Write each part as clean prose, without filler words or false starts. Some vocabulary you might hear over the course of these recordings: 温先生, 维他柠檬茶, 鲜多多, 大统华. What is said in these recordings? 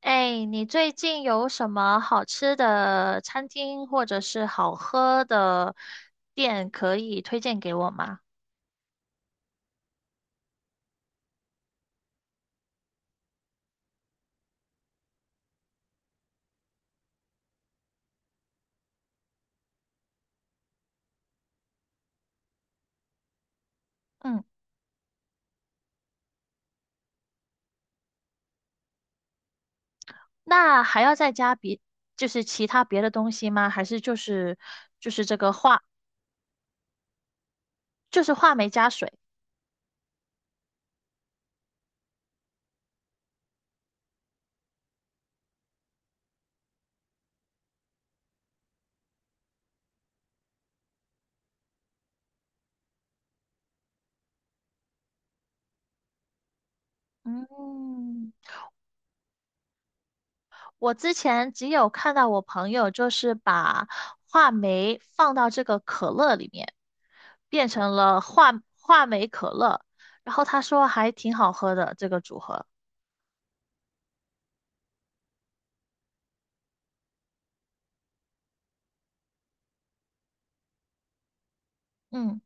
哎，你最近有什么好吃的餐厅或者是好喝的店可以推荐给我吗？嗯，那还要再加别，就是其他别的东西吗？还是就是就是这个话，就是话梅加水？嗯，我之前只有看到我朋友就是把话梅放到这个可乐里面，变成了话梅可乐，然后他说还挺好喝的这个组合。嗯。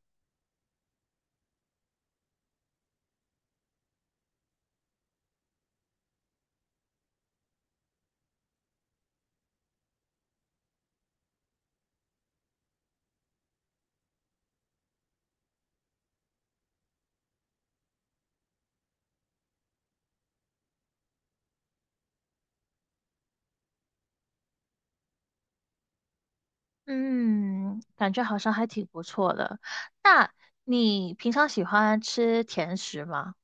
嗯，感觉好像还挺不错的。那你平常喜欢吃甜食吗？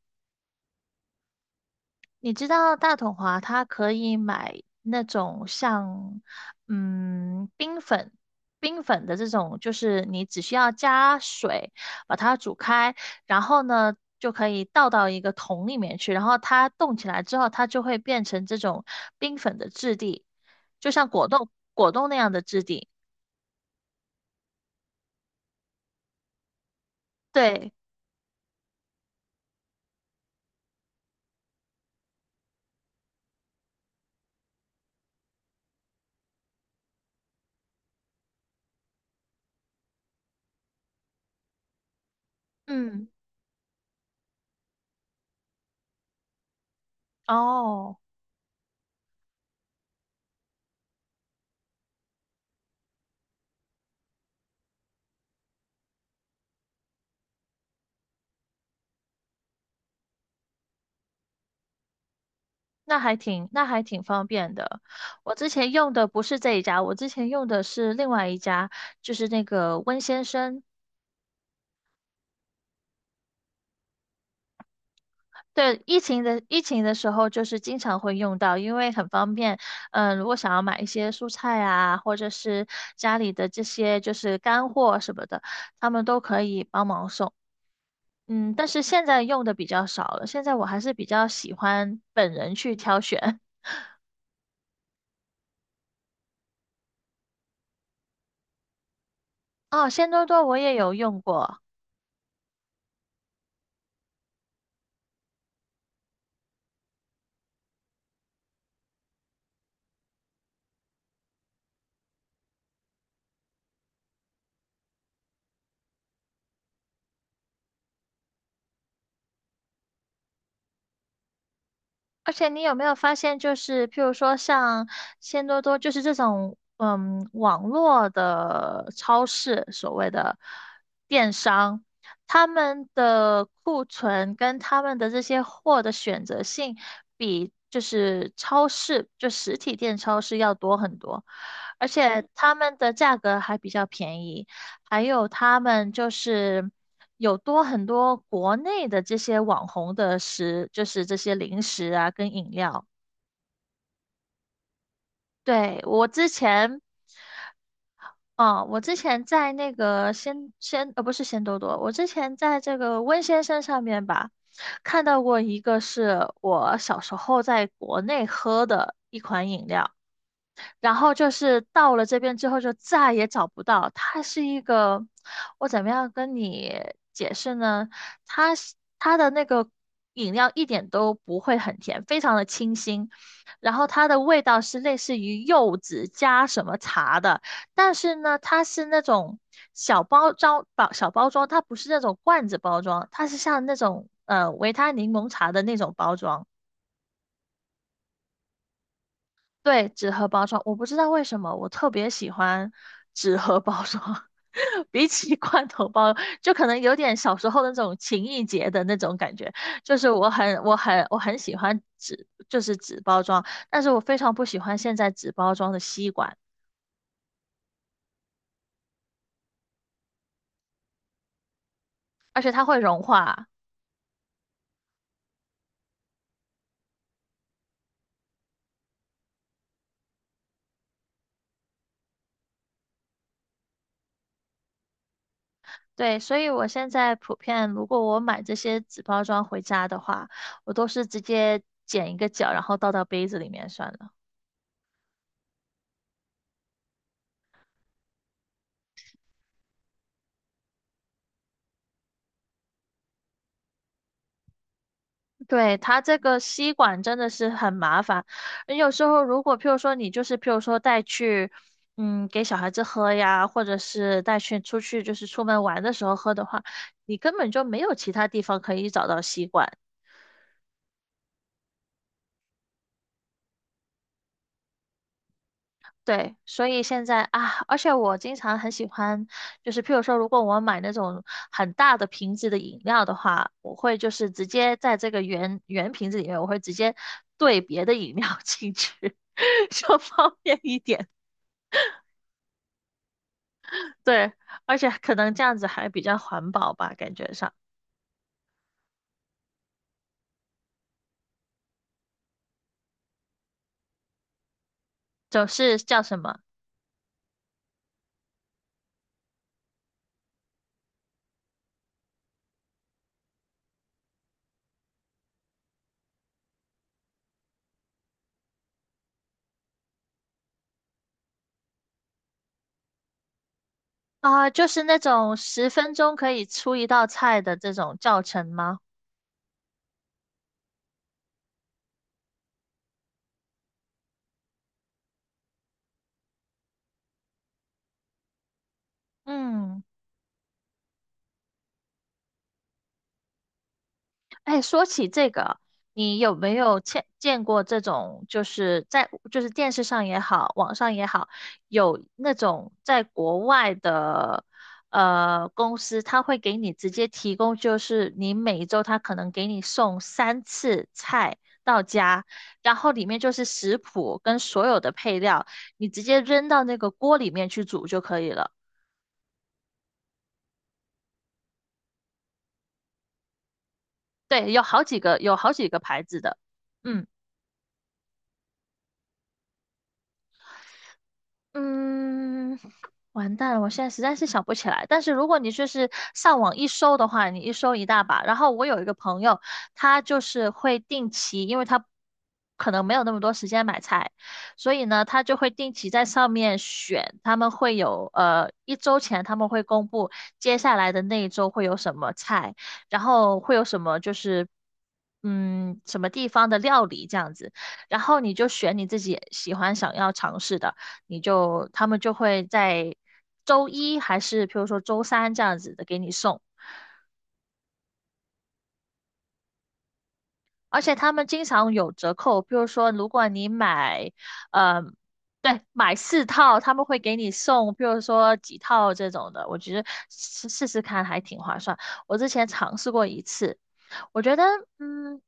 你知道大统华它可以买那种像嗯冰粉、冰粉的这种，就是你只需要加水把它煮开，然后呢就可以倒到一个桶里面去，然后它冻起来之后，它就会变成这种冰粉的质地，就像果冻那样的质地。对，嗯，哦。那还挺，那还挺方便的。我之前用的不是这一家，我之前用的是另外一家，就是那个温先生。对，疫情的时候，就是经常会用到，因为很方便。如果想要买一些蔬菜啊，或者是家里的这些就是干货什么的，他们都可以帮忙送。嗯，但是现在用的比较少了，现在我还是比较喜欢本人去挑选。哦，鲜多多我也有用过。而且你有没有发现，就是譬如说像鲜多多，就是这种网络的超市，所谓的电商，他们的库存跟他们的这些货的选择性，比就是超市就实体店超市要多很多，而且他们的价格还比较便宜。还有他们就是有多很多国内的这些网红的食，就是这些零食啊跟饮料。对，我之前，哦，我之前在那个鲜鲜，呃，不是鲜多多，我之前在这个温先生上面吧，看到过一个是我小时候在国内喝的。然后就是到了这边之后就再也找不到。它是一个，我怎么样跟你解释呢？它是它的那个饮料一点都不会很甜，非常的清新，然后它的味道是类似于柚子加什么茶的，但是呢，它是那种小包装，它不是那种罐子包装，它是像那种维他柠檬茶的那种包装。对，纸盒包装，我不知道为什么我特别喜欢纸盒包装，比起罐头包，就可能有点小时候那种情意结的那种感觉。就是我很喜欢纸，就是纸包装，但是我非常不喜欢现在纸包装的吸管，而且它会融化。对，所以我现在普遍，如果我买这些纸包装回家的话，我都是直接剪一个角，然后倒到杯子里面算了。对，它这个吸管真的是很麻烦。有时候如果譬如说你就是譬如说带去，嗯，给小孩子喝呀，或者是带去出去就是出门玩的时候喝的话，你根本就没有其他地方可以找到吸管。对，所以现在啊，而且我经常很喜欢，就是譬如说，如果我买那种很大的瓶子的饮料的话，我会就是直接在这个圆圆瓶子里面，我会直接兑别的饮料进去，就方便一点。对，而且可能这样子还比较环保吧，感觉上就是叫什么啊、就是那种10分钟可以出一道菜的这种教程吗？嗯。哎，说起这个，你有没有见过这种，就是在就是电视上也好，网上也好，有那种在国外的公司，他会给你直接提供，就是你每一周他可能给你送3次菜到家，然后里面就是食谱跟所有的配料，你直接扔到那个锅里面去煮就可以了。对，有好几个牌子的，嗯。嗯，完蛋了，我现在实在是想不起来。但是如果你就是上网一搜的话，你一搜一大把。然后我有一个朋友，他就是会定期，因为他可能没有那么多时间买菜，所以呢，他就会定期在上面选。他们会有一周前他们会公布接下来的那一周会有什么菜，然后会有什么就是什么地方的料理这样子，然后你就选你自己喜欢想要尝试的。你就他们就会在周一还是譬如说周三这样子的给你送，而且他们经常有折扣，譬如说如果你买，嗯，对，买4套他们会给你送，譬如说几套这种的，我觉得试试看还挺划算。我之前尝试过一次，我觉得，嗯，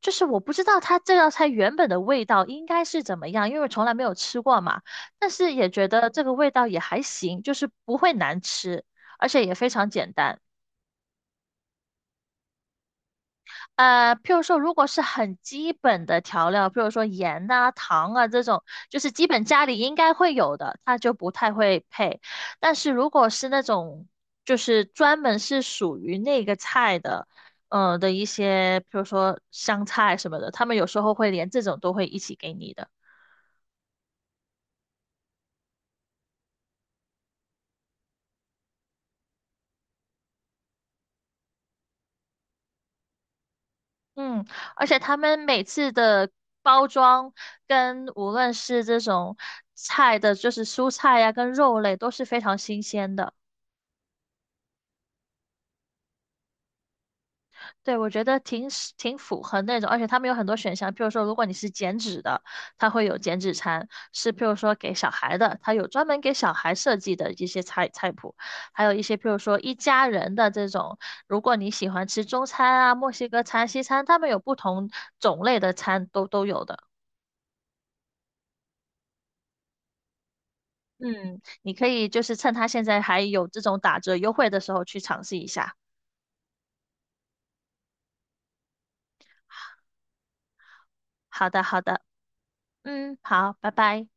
就是我不知道它这道菜原本的味道应该是怎么样，因为我从来没有吃过嘛。但是也觉得这个味道也还行，就是不会难吃，而且也非常简单。譬如说，如果是很基本的调料，譬如说盐呐、糖啊这种，就是基本家里应该会有的，它就不太会配。但是如果是那种就是专门是属于那个菜的，的一些，譬如说香菜什么的，他们有时候会连这种都会一起给你的。嗯，而且他们每次的包装跟无论是这种菜的，就是蔬菜呀、跟肉类都是非常新鲜的。对，我觉得挺是挺符合那种，而且他们有很多选项，譬如说，如果你是减脂的，它会有减脂餐，是譬如说给小孩的，它有专门给小孩设计的一些菜谱，还有一些譬如说一家人的这种，如果你喜欢吃中餐啊、墨西哥餐、西餐，他们有不同种类的餐都有的。嗯，你可以就是趁他现在还有这种打折优惠的时候去尝试一下。好的，好的，嗯，好，拜拜。